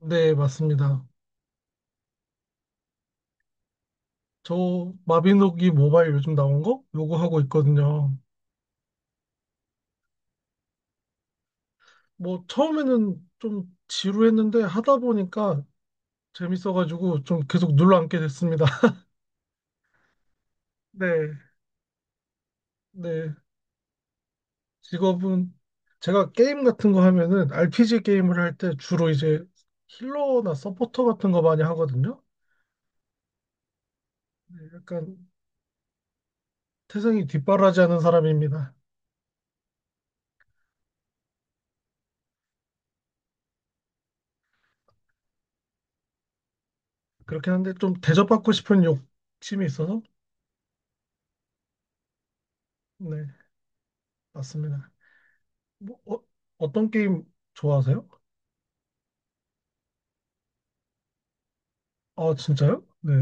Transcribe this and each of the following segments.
네, 맞습니다. 저 마비노기 모바일 요즘 나온 거? 요거 하고 있거든요. 뭐 처음에는 좀 지루했는데 하다 보니까 재밌어가지고 좀 계속 눌러앉게 됐습니다. 네, 네. 직업은 제가 게임 같은 거 하면은 RPG 게임을 할 때 주로 이제 힐러나 서포터 같은 거 많이 하거든요. 네, 약간 태생이 뒷바라지하는 사람입니다. 그렇긴 한데 좀 대접받고 싶은 욕심이 있어서 네, 맞습니다. 뭐, 어떤 게임 좋아하세요? 아, 진짜요? 네.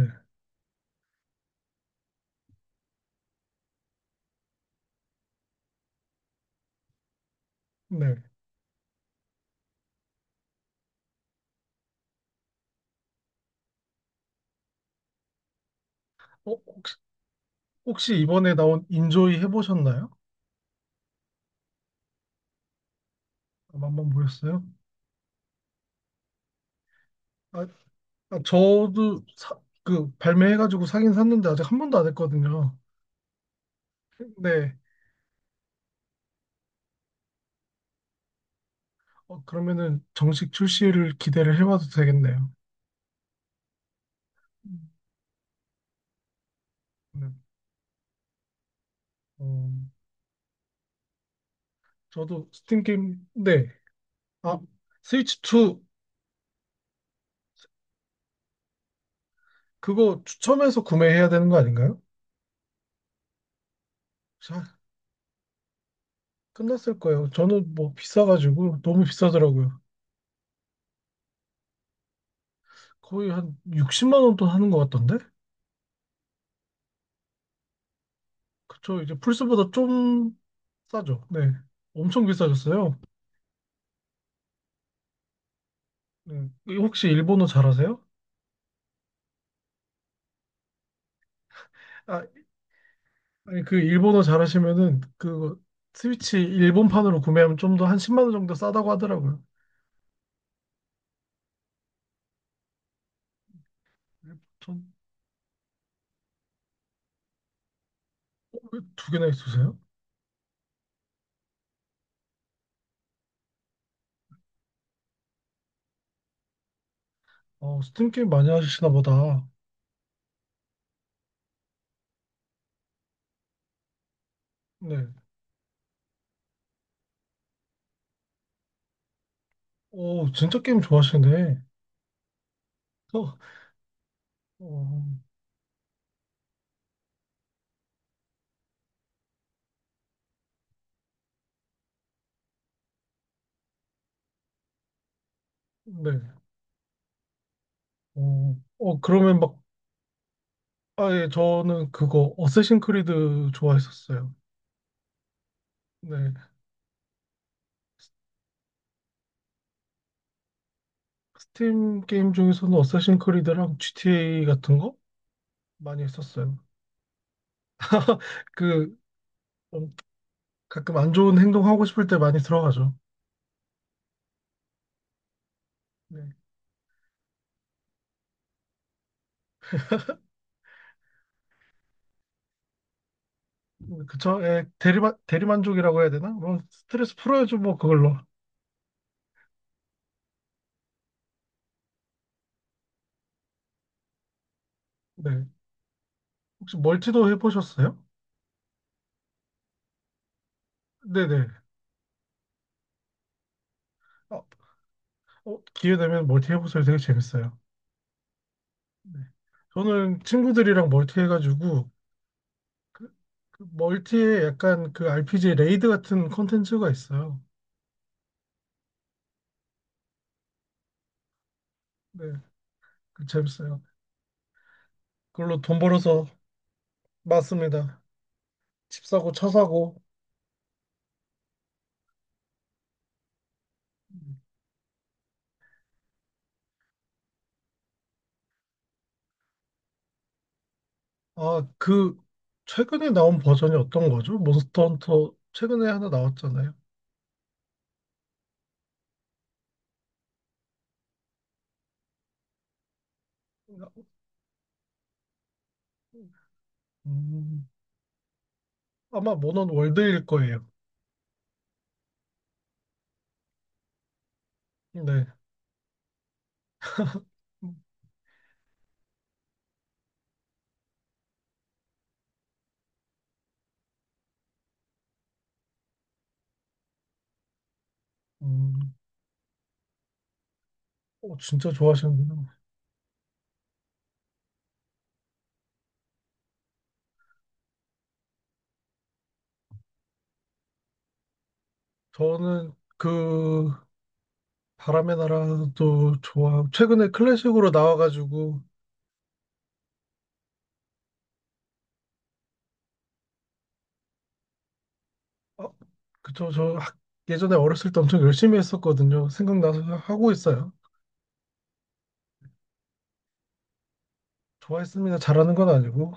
네. 어, 혹시 이번에 나온 인조이 해보셨나요? 아마 한번 보셨어요? 아, 아, 저도 사, 그 발매해가지고 사긴 샀는데 아직 한 번도 안 했거든요. 네. 어, 그러면은 정식 출시를 기대를 해봐도 되겠네요. 네. 어, 저도 스팀 게임, 네. 아, 스위치 2. 그거 추첨해서 구매해야 되는 거 아닌가요? 끝났을 거예요. 저는 뭐 비싸가지고 너무 비싸더라고요. 거의 한 60만 원 돈 하는 것 같던데? 그쵸. 이제 플스보다 좀 싸죠. 네. 엄청 비싸졌어요. 네. 혹시 일본어 잘하세요? 아, 아니 그 일본어 잘하시면은 그 스위치 일본판으로 구매하면 좀 더 한 10만 원 정도 싸다고 하더라고요. 전 두 개나 있으세요? 어, 스팀 게임 많이 하시나 보다. 네. 오, 진짜 게임 좋아하시네. 어, 어, 네. 어, 그러면 막 아, 예, 저는 그거 어쌔신 크리드 좋아했었어요. 네. 스- 스팀 게임 중에서는 어쌔신 크리드랑 GTA 같은 거 많이 했었어요. 그 음, 가끔 안 좋은 행동 하고 싶을 때 많이 들어가죠. 네. 그쵸? 예, 대리만족이라고 해야 되나? 뭐 스트레스 풀어야죠, 뭐 그걸로. 네. 혹시 멀티도 해보셨어요? 네네. 어, 기회 되면 멀티 해보세요. 되게 재밌어요. 네. 저는 친구들이랑 멀티 해가지고 그 멀티에 약간 그 RPG 레이드 같은 콘텐츠가 있어요. 네, 그 재밌어요. 그걸로 돈 벌어서 맞습니다. 집 사고 차 사고. 아, 그 최근에 나온 버전이 어떤 거죠? 몬스터 헌터 최근에 하나 나왔잖아요. 음, 아마 모넌 월드일 거예요. 네. 음, 어, 진짜 좋아하시는구나. 저는 그 바람의 나라도 좋아. 최근에 클래식으로 나와가지고 어, 그쵸. 저 예전에 어렸을 때 엄청 열심히 했었거든요. 생각나서 하고 있어요. 좋아했습니다. 잘하는 건 아니고.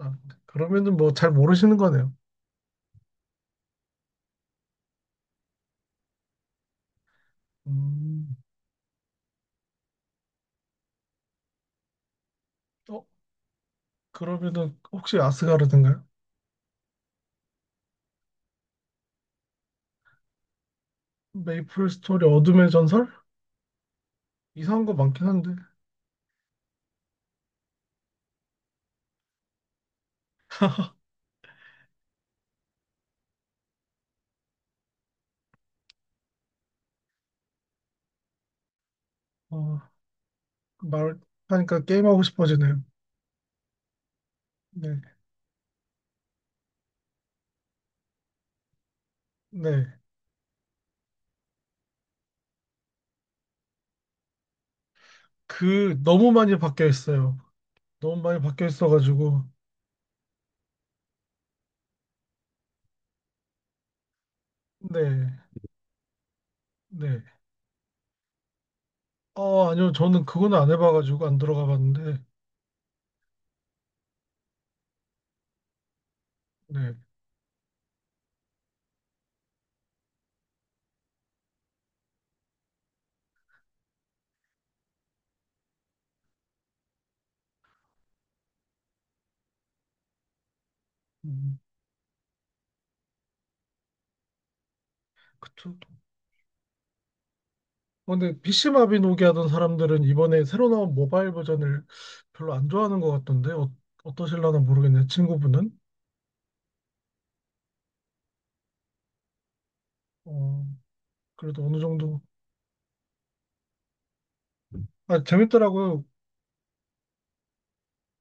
아, 그러면은 뭐 잘 모르시는 거네요. 음, 어, 그러면은 혹시 아스가르드인가요? 메이플 스토리 어둠의 전설? 이상한 거 많긴 한데. 어, 말하니까 게임하고 싶어지네요. 네. 네. 그 너무 많이 바뀌어 있어요. 너무 많이 바뀌어 있어가지고. 네. 네. 어, 아니요. 저는 그건 안 해봐가지고 안 들어가 봤는데. 네. 음, 그쵸. 어, 근데 PC 마비노기 하던 사람들은 이번에 새로 나온 모바일 버전을 별로 안 좋아하는 것 같던데 어, 어떠실라나 모르겠네. 친구분은 어, 그래도 어느 정도 아 재밌더라고요.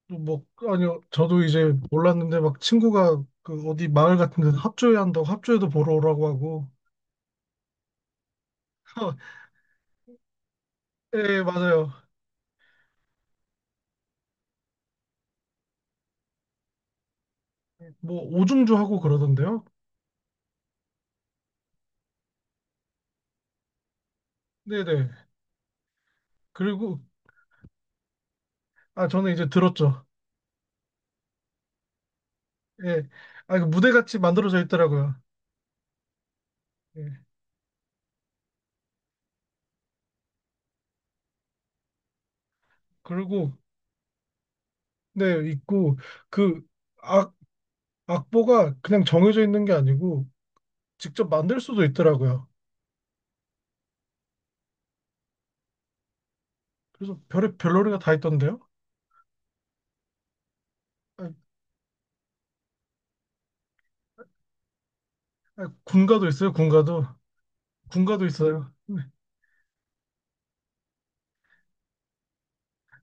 뭐 아니요 저도 이제 몰랐는데 막 친구가 그 어디 마을 같은 데서 합주회 한다고 합주회도 보러 오라고 하고 예 맞아요. 뭐 오중주 하고 그러던데요. 네네. 그리고 아 저는 이제 들었죠. 예. 아 이거 무대 같이 만들어져 있더라고요. 예. 그리고 네, 있고 그 악, 악보가 그냥 정해져 있는 게 아니고 직접 만들 수도 있더라고요. 그래서 별의 별놀이가 다 있던데요. 아, 군가도 있어요. 군가도 있어요. 네,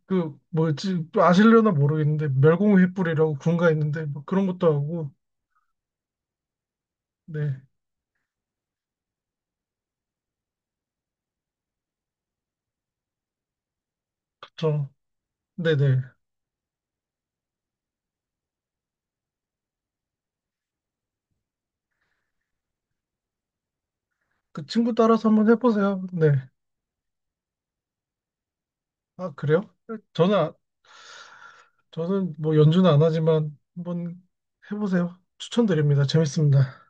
그 뭐지 또 아실려나 모르겠는데 멸공의 횃불이라고 군가 있는데 뭐 그런 것도 하고 네, 그쵸. 네네. 그 친구 따라서 한번 해보세요. 네. 아 그래요? 저는 아- 저는 뭐 연주는 안 하지만 한번 해보세요. 추천드립니다. 재밌습니다.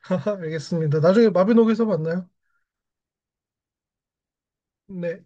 알겠습니다. 나중에 마비노기에서 만나요. 네.